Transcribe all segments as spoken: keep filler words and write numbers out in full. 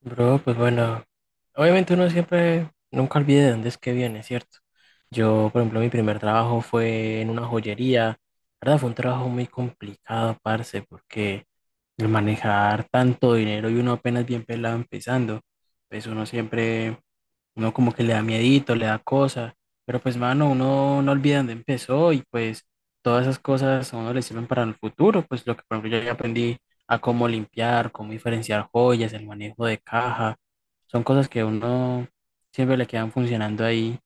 Bro, pues bueno, obviamente uno siempre, nunca olvide de dónde es que viene, ¿cierto? Yo, por ejemplo, mi primer trabajo fue en una joyería, ¿verdad? Fue un trabajo muy complicado, parce, porque el manejar tanto dinero y uno apenas bien pelado empezando, pues uno siempre, uno como que le da miedito, le da cosa, pero pues mano, uno no olvida dónde empezó y pues todas esas cosas a uno le sirven para el futuro, pues lo que por ejemplo yo ya aprendí a cómo limpiar, cómo diferenciar joyas, el manejo de caja, son cosas que a uno siempre le quedan funcionando ahí.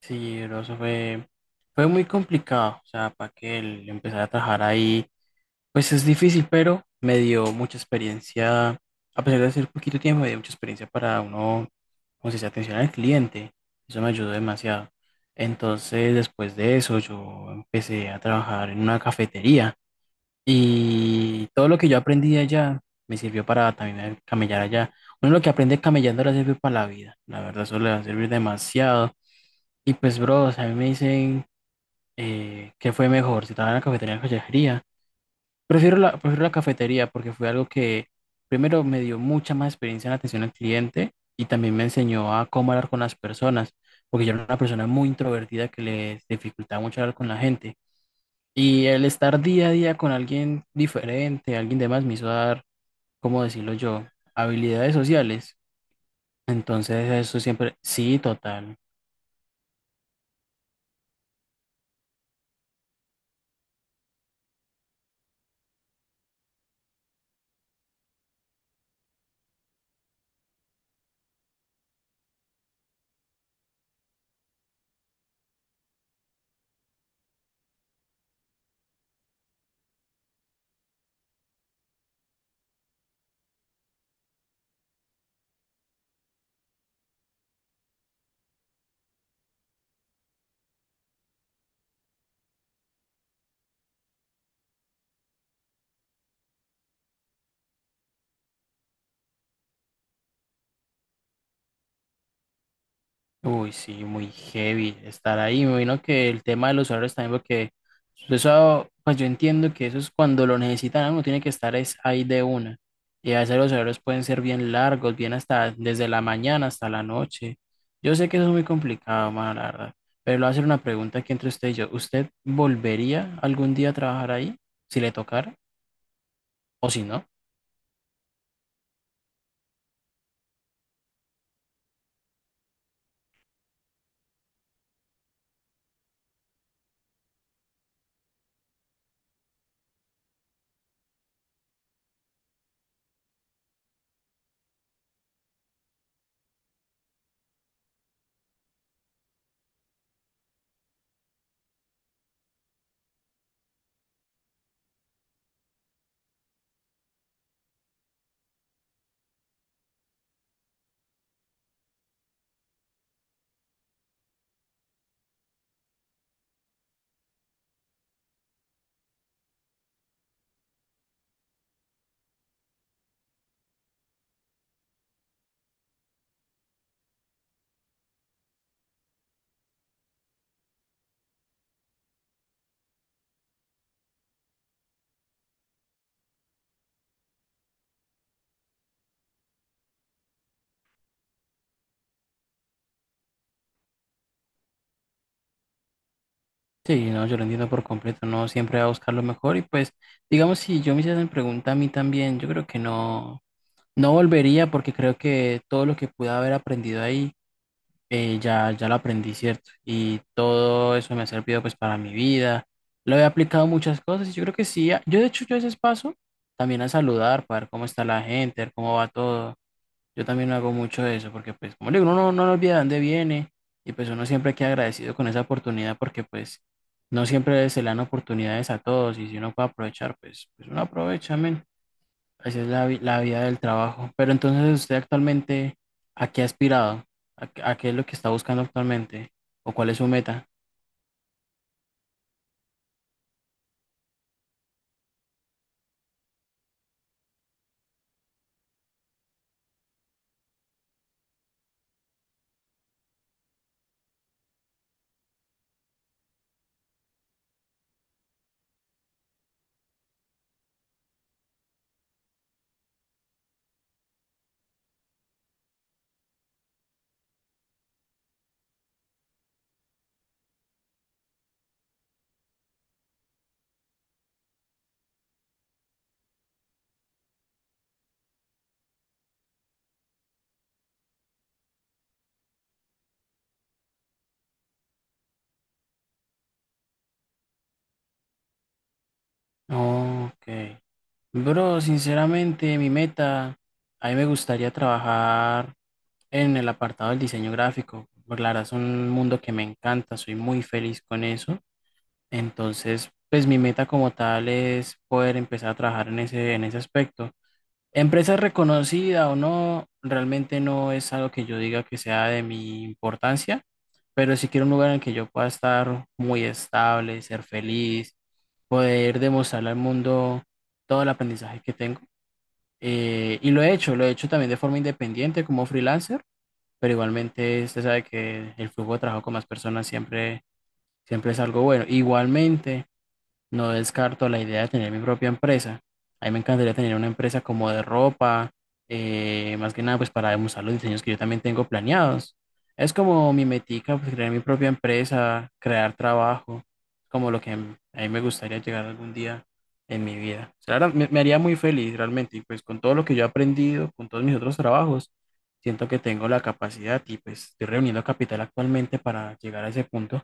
Sí, bro, eso fue, fue muy complicado, o sea, para que él empezara a trabajar ahí. Pues es difícil, pero me dio mucha experiencia, a pesar de ser poquito tiempo, me dio mucha experiencia para uno, como se dice, atención al cliente. Eso me ayudó demasiado. Entonces, después de eso, yo empecé a trabajar en una cafetería y todo lo que yo aprendí allá me sirvió para también camellar allá. Uno lo que aprende camellando le sirve para la vida. La verdad, eso le va a servir demasiado. Y pues, bro, o sea, a mí me dicen eh, qué fue mejor, si trabajar en la cafetería o en la joyería. Prefiero la, prefiero la cafetería porque fue algo que primero me dio mucha más experiencia en atención al cliente y también me enseñó a cómo hablar con las personas, porque yo era una persona muy introvertida que les dificultaba mucho hablar con la gente. Y el estar día a día con alguien diferente, alguien demás, me hizo dar, ¿cómo decirlo yo? Habilidades sociales. Entonces, eso siempre, sí, total. Uy, sí, muy heavy estar ahí. Me imagino que el tema de los horarios también, porque eso, pues yo entiendo que eso es cuando lo necesitan, ¿no? Uno tiene que estar es ahí de una. Y a veces los horarios pueden ser bien largos, bien hasta desde la mañana hasta la noche. Yo sé que eso es muy complicado, mano, la verdad. Pero le voy a hacer una pregunta aquí entre usted y yo. ¿Usted volvería algún día a trabajar ahí, si le tocara o si no? Sí, no, yo lo entiendo por completo. No siempre va a buscar lo mejor y pues. Digamos, si yo me hiciesen pregunta a mí también, yo creo que no, no volvería porque creo que todo lo que pude haber aprendido ahí eh, ya, ya lo aprendí, ¿cierto? Y todo eso me ha servido pues para mi vida. Lo he aplicado a muchas cosas y yo creo que sí. a- Yo de hecho yo a veces paso también a saludar para ver cómo está la gente, ver cómo va todo. Yo también hago mucho de eso porque pues como le digo, uno no, no olvida de dónde viene y pues uno siempre queda agradecido con esa oportunidad porque pues no siempre se le dan oportunidades a todos y si uno puede aprovechar pues, pues uno aprovecha, amén. Esa es la, vi- la vida del trabajo. Pero entonces, ¿usted actualmente a qué ha aspirado? ¿A, qué a qué es lo que está buscando actualmente? ¿O cuál es su meta? Ok. Bro, sinceramente, mi meta, a mí me gustaría trabajar en el apartado del diseño gráfico. Por la verdad es un mundo que me encanta, soy muy feliz con eso. Entonces, pues mi meta como tal es poder empezar a trabajar en ese, en ese aspecto. Empresa reconocida o no, realmente no es algo que yo diga que sea de mi importancia, pero sí quiero un lugar en el que yo pueda estar muy estable, ser feliz, poder demostrarle al mundo todo el aprendizaje que tengo. Eh, y lo he hecho, lo he hecho también de forma independiente como freelancer, pero igualmente usted sabe que el flujo de trabajo con más personas siempre, siempre es algo bueno. Igualmente. No descarto la idea de tener mi propia empresa. A mí me encantaría tener una empresa como de ropa, eh, más que nada pues para demostrar los diseños que yo también tengo planeados. Es como mi metica, pues crear mi propia empresa, crear trabajo, como lo que a mí me gustaría llegar algún día en mi vida. O sea, la verdad, me, me haría muy feliz realmente y pues con todo lo que yo he aprendido, con todos mis otros trabajos, siento que tengo la capacidad y pues estoy reuniendo capital actualmente para llegar a ese punto.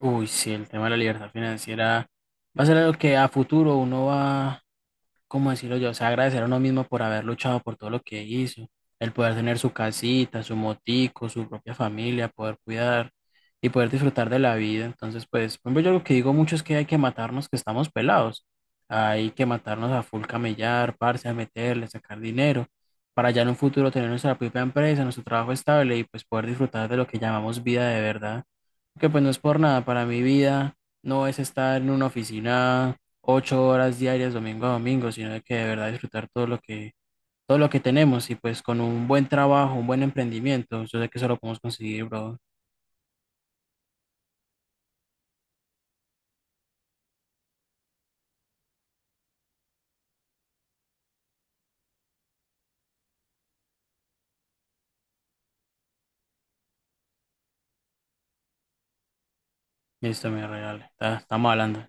Uy, sí, el tema de la libertad financiera va a ser algo que a futuro uno va, ¿cómo decirlo yo? O sea, agradecer a uno mismo por haber luchado por todo lo que hizo, el poder tener su casita, su motico, su propia familia, poder cuidar y poder disfrutar de la vida. Entonces, pues, por ejemplo, yo lo que digo mucho es que hay que matarnos que estamos pelados. Hay que matarnos a full camellar, parce, a meterle, sacar dinero, para ya en un futuro tener nuestra propia empresa, nuestro trabajo estable y pues poder disfrutar de lo que llamamos vida de verdad que pues no es por nada para mi vida, no es estar en una oficina ocho horas diarias domingo a domingo, sino de que de verdad disfrutar todo lo que, todo lo que tenemos y pues con un buen trabajo, un buen emprendimiento, yo sé que eso lo podemos conseguir, bro. Listo, mi real, está- estamos hablando.